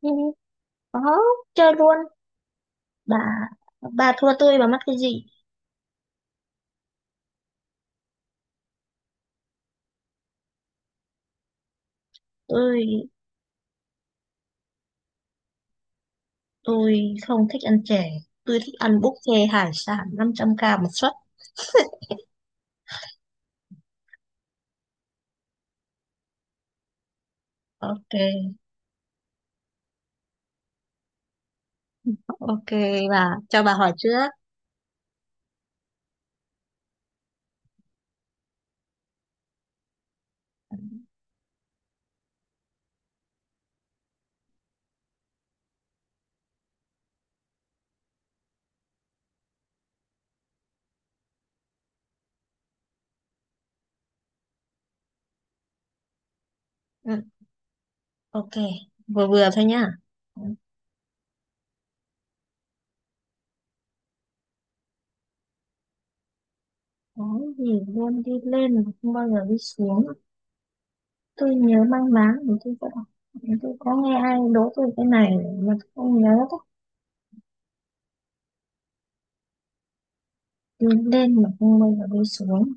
Ừ, có chơi luôn bà bà thua tôi bà mắc cái gì? Tôi tôi không thích ăn chè. Tôi thích ăn buffet hải sản 500k một suất. Ok, ok. Bà cho bà hỏi trước. ừ, ok, vừa vừa thôi nhá. Có gì luôn đi lên mà không bao giờ đi xuống? Tôi nhớ mang máng thì tôi có đọc. Thì tôi có nghe ai đố tôi cái này mà tôi không nhớ đó. Đi lên mà không bao giờ đi xuống,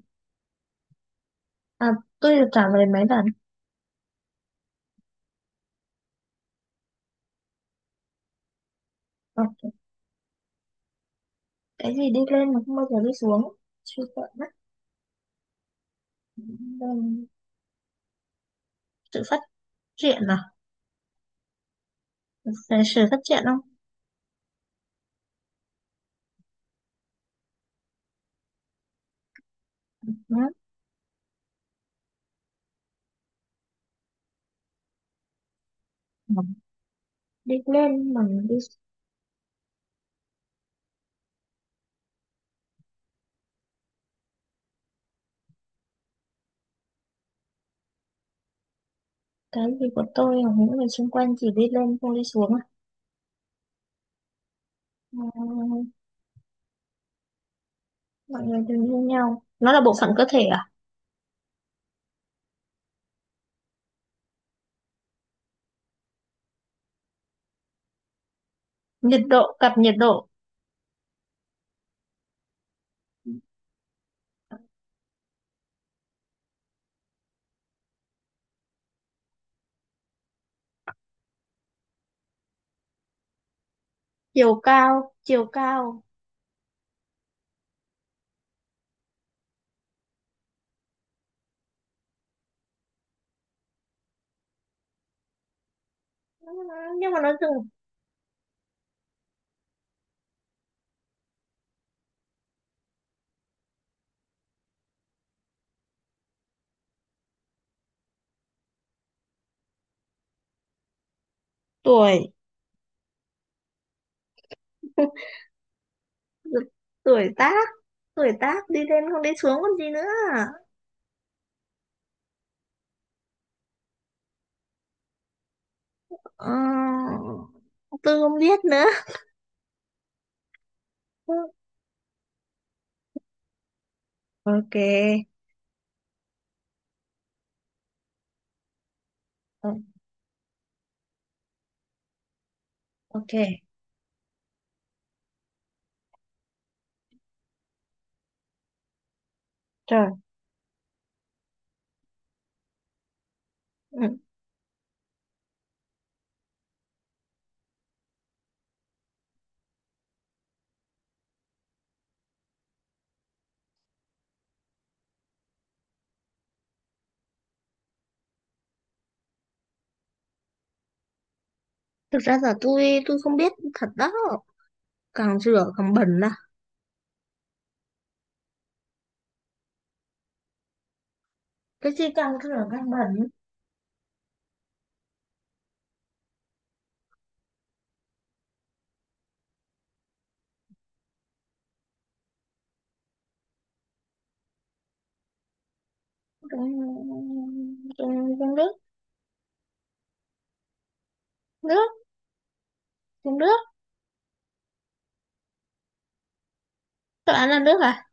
à, tôi được trả lời mấy lần. Ok, cái gì đi lên mà không bao giờ đi xuống, suy sợ mất. Sự phát triển à? Về sự phát triển không? Đó. Ừ. Đi lên mà đi. Cái gì của tôi và những người xung quanh chỉ đi lên không đi xuống à? Ờ, mọi người đều như nhau, nó là bộ phận cơ thể à? Nhiệt độ, cặp nhiệt độ. Chiều cao. Ừ, nhưng mà nó dừng. Tuổi. Tuổi tác. Tuổi tác đi lên không đi xuống còn gì nữa. Ờ, tôi không biết nữa. Ừ. Ok. Ừ, ok. Trời. Ừ. Thực ra là tôi không biết thật đó. Càng rửa càng bẩn à? Cái gì càng rửa càng bẩn? Trong trong trong nước. Nước, trong nước. Tôi ăn là nước à?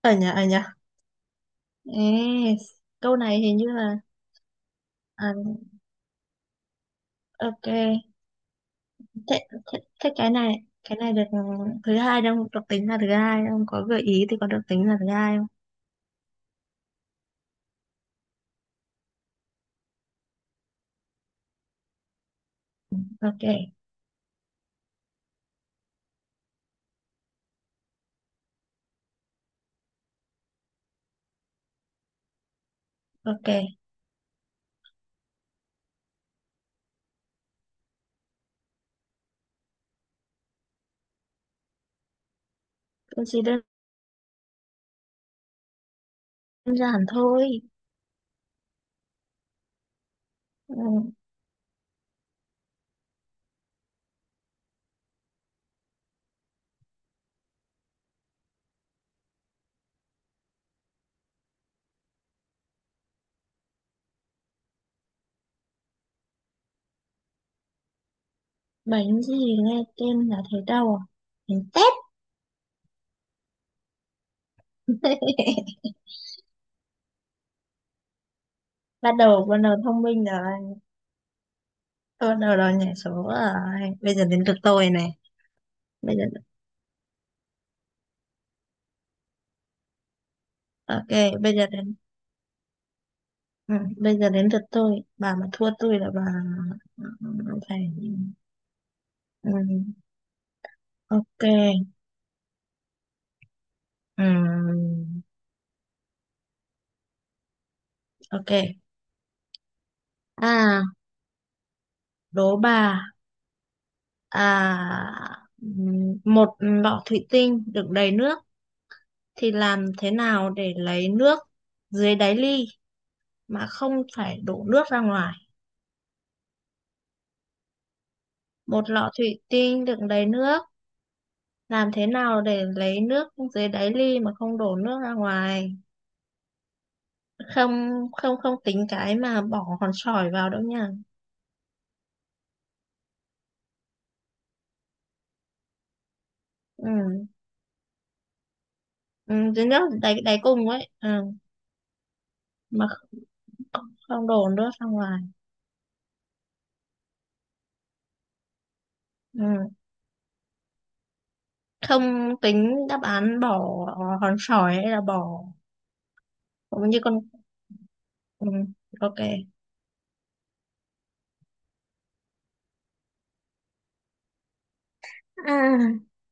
Ở nhà, ở nhà. Yes. Câu này hình như là, à, ok. Thế, thế, thế cái này được. Thứ hai đâu được tính là thứ hai không, có gợi ý thì có được tính là thứ hai không? Ok, ok. Tôi chỉ đơn giản thôi. Ừ. Bánh gì nghe tên là thấy đau à? Bánh tét. Bắt đầu thông minh rồi. Bắt đầu rồi, nhảy số rồi, bây giờ đến lượt tôi này. Bây giờ, ok, bây giờ đến ừ, bây giờ đến lượt tôi. Bà mà thua tôi là bà, phải. ừ, ok. ừ, ok. À, đố bà. À, một lọ thủy tinh đựng đầy nước thì làm thế nào để lấy nước dưới đáy ly mà không phải đổ nước ra ngoài? Một lọ thủy tinh đựng đầy nước, làm thế nào để lấy nước dưới đáy ly mà không đổ nước ra ngoài? Không không không tính cái mà bỏ hòn sỏi vào đâu nha. Ừ. Ừ, dưới nước đáy đáy cùng ấy. Ừ. Mà không, không đổ nước ra ngoài. Ừ. Không tính đáp án bỏ hòn sỏi hay là bỏ, cũng như con. Ừ. Ok. À,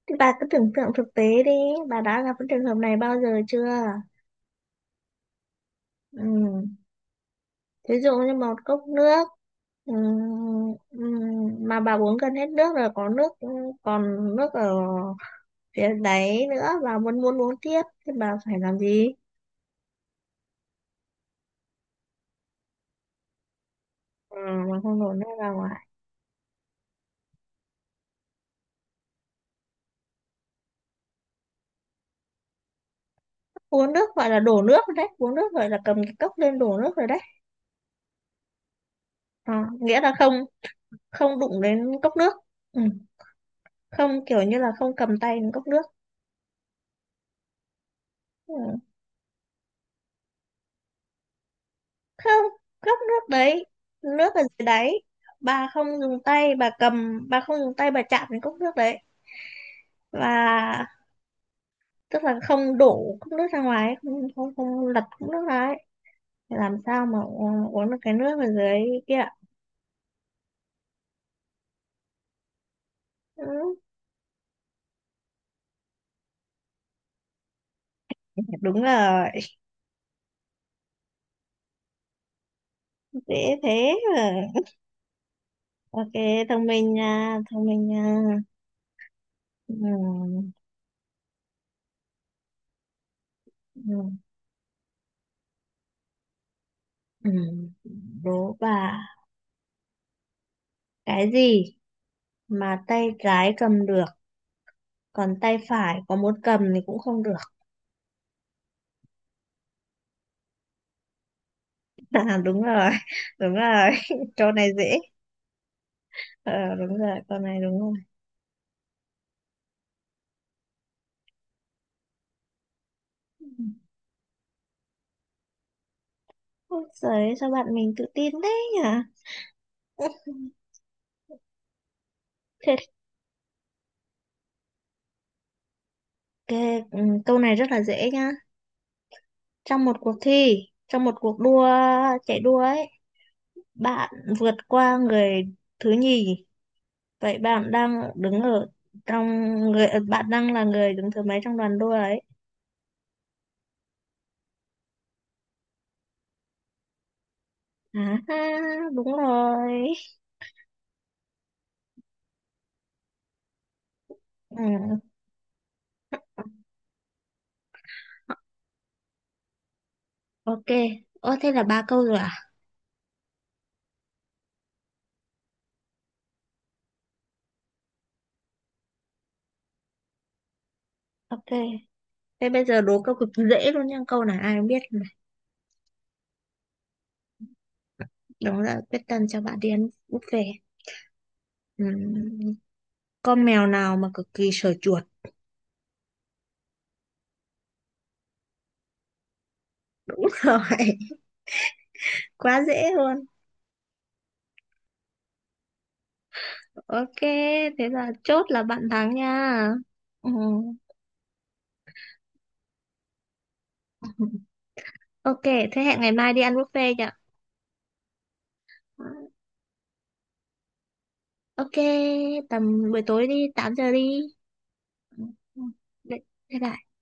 thì bà cứ tưởng tượng thực tế đi, bà đã gặp cái trường hợp này bao giờ chưa? Ừ. Thí dụ như một cốc nước, ừ, ừ, mà bà uống gần hết nước rồi, có nước, còn nước ở phía đáy nữa và muốn muốn uống tiếp thì bà phải làm gì? Ừ, mà không đổ nước ra ngoài. Uống nước gọi là đổ nước rồi đấy, uống nước gọi là cầm cái cốc lên đổ nước rồi đấy. Ờ, nghĩa là không, không đụng đến cốc nước. Ừ. Không, kiểu như là không cầm tay đến cốc nước. Ừ. Không, cốc nước đấy, nước ở dưới đáy, bà không dùng tay bà cầm, bà không dùng tay bà chạm đến cốc nước đấy. Và tức là không đổ cốc nước ra ngoài ấy, không không, không lật cốc nước ra ấy. Thì làm sao mà uống được cái nước ở dưới kia ạ? Ừ, đúng rồi. Dễ thế mà. Ok, thông minh nha, thông minh nha. Ừ, ừ, ừ. Đố bà, cái gì mà tay trái cầm được còn tay phải có muốn cầm thì cũng không được? À, đúng rồi, câu này dễ. Ờ, đúng rồi, câu này đúng rồi. Ôi giời, sao bạn mình tự tin thế nhỉ? Thế cái, ừ, câu này rất là dễ nhá. Trong một cuộc thi, trong một cuộc đua chạy đua ấy, bạn vượt qua người thứ nhì. Vậy bạn đang đứng ở trong người, bạn đang là người đứng thứ mấy trong đoàn đua ấy? À, ha, đúng rồi. Ừ, ok. Ồ, thế là ba câu rồi à? Ok. Thế bây giờ đố câu cực dễ luôn nha, câu này ai cũng biết mà. Đó là quyết tâm cho bạn đi ăn buffet. Ừm, Con mèo nào mà cực kỳ sợ chuột? Đúng rồi, quá dễ luôn. Ok, thế là chốt là bạn thắng nha. Ừ. Ok, thế hẹn ngày mai đi ăn buffet nhỉ? Ừ. Ok, tầm buổi tối đi, 8 giờ đi. Ừ. Ừ. Bye bye.